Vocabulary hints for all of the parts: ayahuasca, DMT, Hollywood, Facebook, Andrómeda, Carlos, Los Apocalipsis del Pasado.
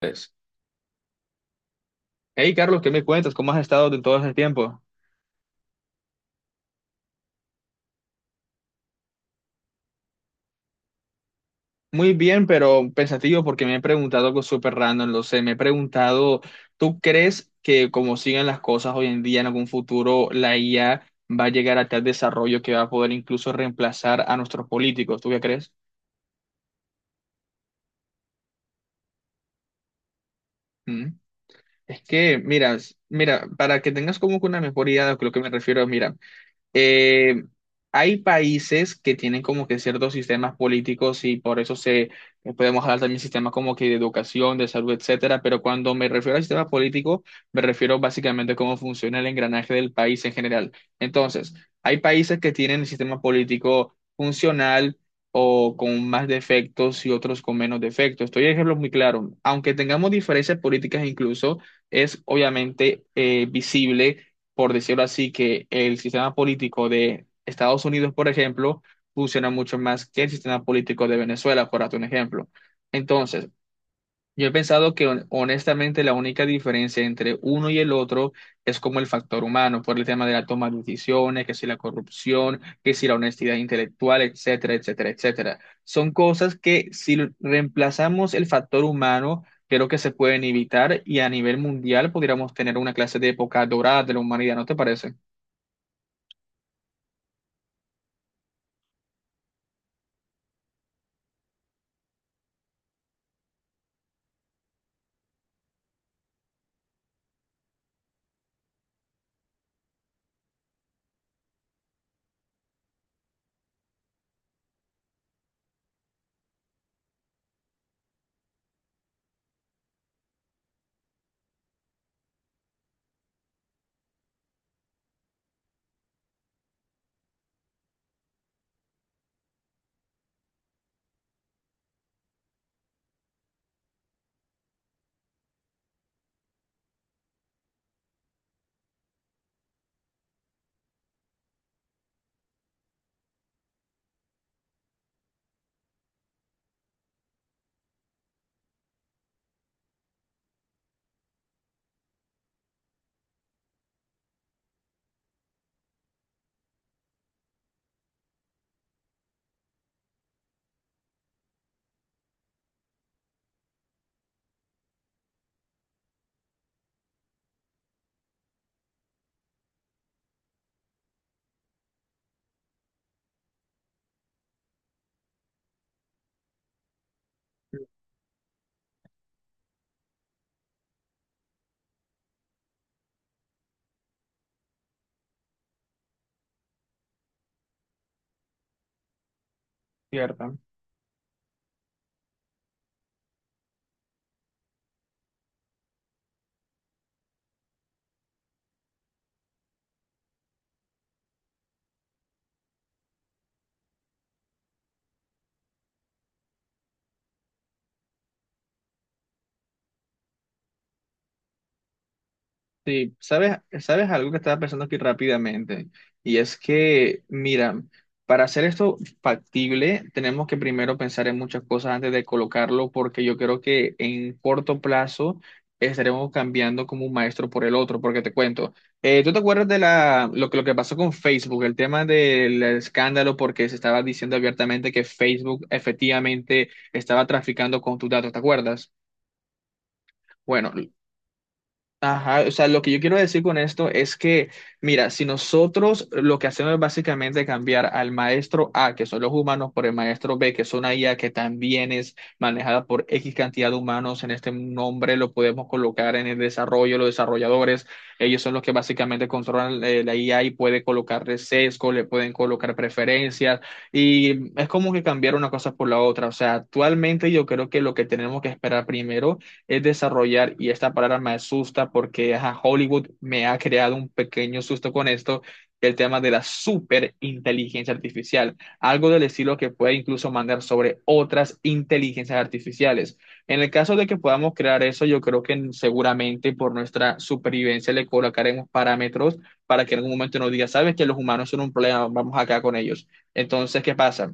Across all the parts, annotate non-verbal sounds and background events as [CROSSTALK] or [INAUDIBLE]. Pues, hey Carlos, ¿qué me cuentas? ¿Cómo has estado en todo ese tiempo? Muy bien, pero pensativo porque me he preguntado algo súper random, lo sé, me he preguntado, ¿tú crees que como siguen las cosas hoy en día, en algún futuro, la IA va a llegar a tal desarrollo que va a poder incluso reemplazar a nuestros políticos? ¿Tú qué crees? ¿Mm? Es que, mira, mira, para que tengas como que una mejor idea de lo que me refiero, mira. Eh, Hay países que tienen como que ciertos sistemas políticos y por eso se podemos hablar también sistemas como que de educación, de salud, etcétera, pero cuando me refiero al sistema político, me refiero básicamente a cómo funciona el engranaje del país en general. Entonces, hay países que tienen el sistema político funcional o con más defectos y otros con menos defectos. Estoy de ejemplo muy claro. Aunque tengamos diferencias políticas incluso, es obviamente visible por decirlo así, que el sistema político de Estados Unidos, por ejemplo, funciona mucho más que el sistema político de Venezuela, por darte un ejemplo. Entonces, yo he pensado que honestamente la única diferencia entre uno y el otro es como el factor humano, por el tema de la toma de decisiones, que si la corrupción, que si la honestidad intelectual, etcétera, etcétera, etcétera. Son cosas que si reemplazamos el factor humano, creo que se pueden evitar y a nivel mundial podríamos tener una clase de época dorada de la humanidad, ¿no te parece? Cierto. Sí, sabes, sabes algo que estaba pensando aquí rápidamente, y es que, mira, para hacer esto factible, tenemos que primero pensar en muchas cosas antes de colocarlo, porque yo creo que en corto plazo estaremos cambiando como un maestro por el otro, porque te cuento, ¿tú te acuerdas de lo que pasó con Facebook, el tema del escándalo, porque se estaba diciendo abiertamente que Facebook efectivamente estaba traficando con tus datos, ¿te acuerdas? Bueno, ajá, o sea, lo que yo quiero decir con esto es que, mira, si nosotros lo que hacemos es básicamente cambiar al maestro A, que son los humanos, por el maestro B, que es una IA que también es manejada por X cantidad de humanos, en este nombre lo podemos colocar en el desarrollo, los desarrolladores, ellos son los que básicamente controlan la IA y puede colocarle sesgo, le pueden colocar preferencias, y es como que cambiar una cosa por la otra, o sea, actualmente yo creo que lo que tenemos que esperar primero es desarrollar, y esta palabra me asusta porque ajá, Hollywood me ha creado un pequeño susto con esto, el tema de la superinteligencia artificial, algo del estilo que puede incluso mandar sobre otras inteligencias artificiales. En el caso de que podamos crear eso, yo creo que seguramente por nuestra supervivencia le colocaremos parámetros para que en algún momento nos diga, sabes que los humanos son un problema, vamos acá con ellos. Entonces, ¿qué pasa?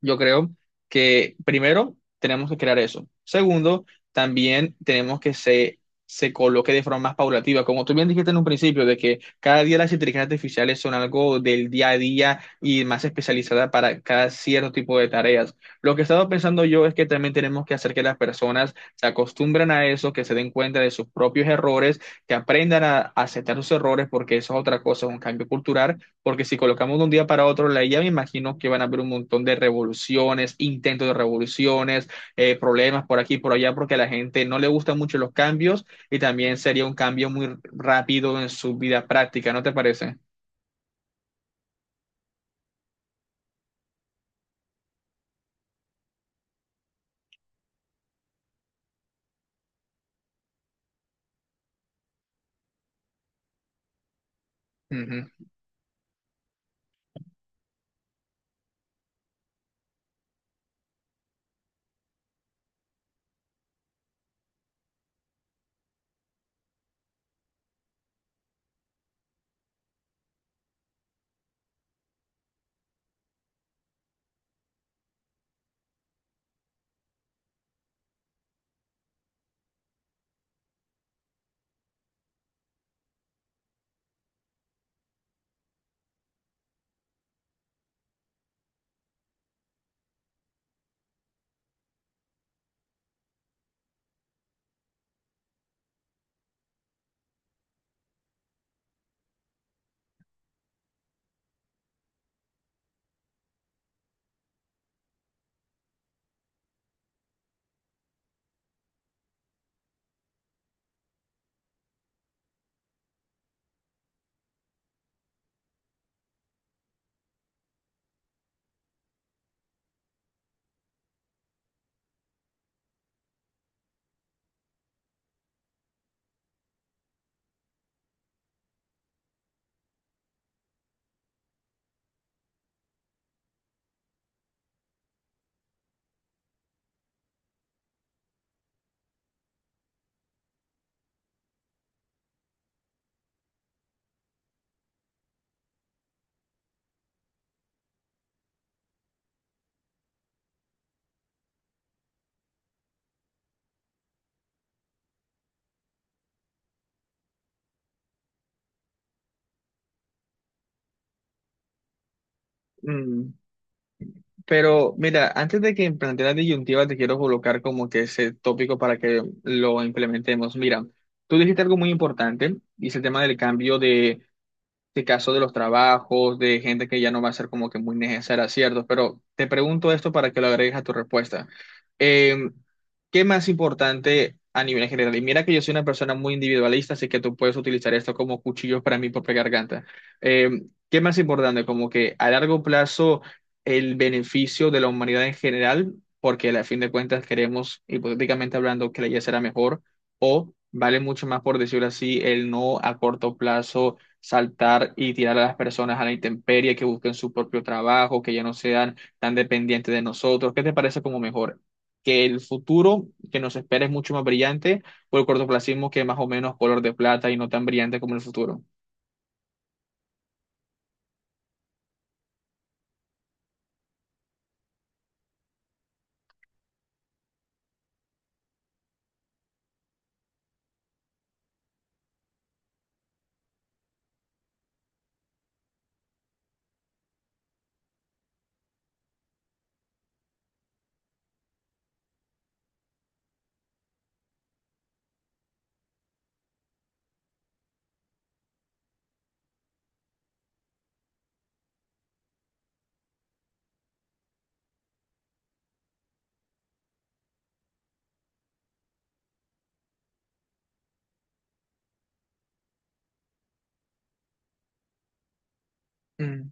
Yo creo que primero tenemos que crear eso. Segundo, también tenemos que se coloque de forma más paulativa. Como tú bien dijiste en un principio, de que cada día las inteligencias artificiales son algo del día a día y más especializada para cada cierto tipo de tareas. Lo que he estado pensando yo es que también tenemos que hacer que las personas se acostumbren a eso, que se den cuenta de sus propios errores, que aprendan a aceptar sus errores, porque eso es otra cosa, es un cambio cultural porque si colocamos de un día para otro la IA, me imagino que van a haber un montón de revoluciones, intentos de revoluciones, problemas por aquí y por allá, porque a la gente no le gustan mucho los cambios y también sería un cambio muy rápido en su vida práctica, ¿no te parece? Ujú. Mm, Pero mira, antes de que plantee la disyuntiva, te quiero colocar como que ese tópico para que lo implementemos. Mira, tú dijiste algo muy importante y es el tema del cambio de caso de los trabajos, de gente que ya no va a ser como que muy necesaria, ¿cierto? Pero te pregunto esto para que lo agregues a tu respuesta. Eh, ¿Qué más importante a nivel general? Y mira que yo soy una persona muy individualista, así que tú puedes utilizar esto como cuchillos para mi propia garganta. Eh, ¿Qué más importante? Como que a largo plazo el beneficio de la humanidad en general, porque a fin de cuentas queremos, hipotéticamente hablando, que la vida será mejor, o vale mucho más, por decirlo así, el no a corto plazo saltar y tirar a las personas a la intemperie, que busquen su propio trabajo, que ya no sean tan dependientes de nosotros. ¿Qué te parece como mejor? ¿Que el futuro que nos espera es mucho más brillante o el cortoplacismo que es más o menos color de plata y no tan brillante como el futuro? Mm,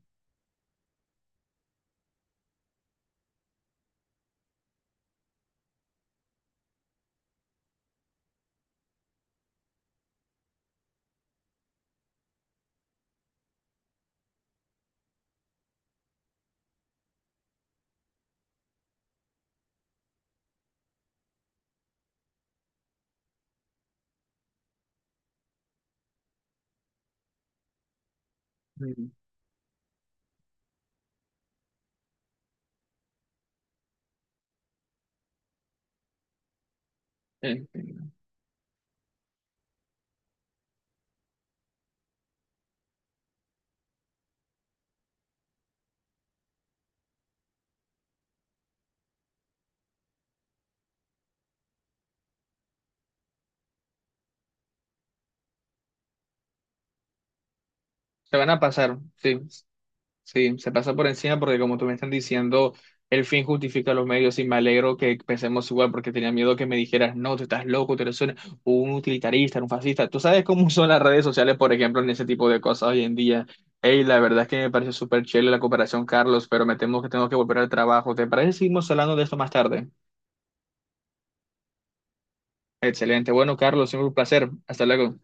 mm, eh, eh, Se van a pasar, sí. Sí, se pasa por encima porque como tú me estás diciendo, el fin justifica los medios y me alegro que pensemos igual porque tenía miedo que me dijeras, no, tú estás loco, tú eres un utilitarista, un fascista. Tú sabes cómo [LAUGHS] son las redes sociales, por ejemplo, en ese tipo de cosas hoy en día. Hey, la verdad es que me pareció súper chévere la cooperación, Carlos, pero me temo que tengo que volver al trabajo. ¿Te parece? Si seguimos hablando de esto más tarde. Excelente. Bueno, Carlos, siempre un placer. Hasta luego.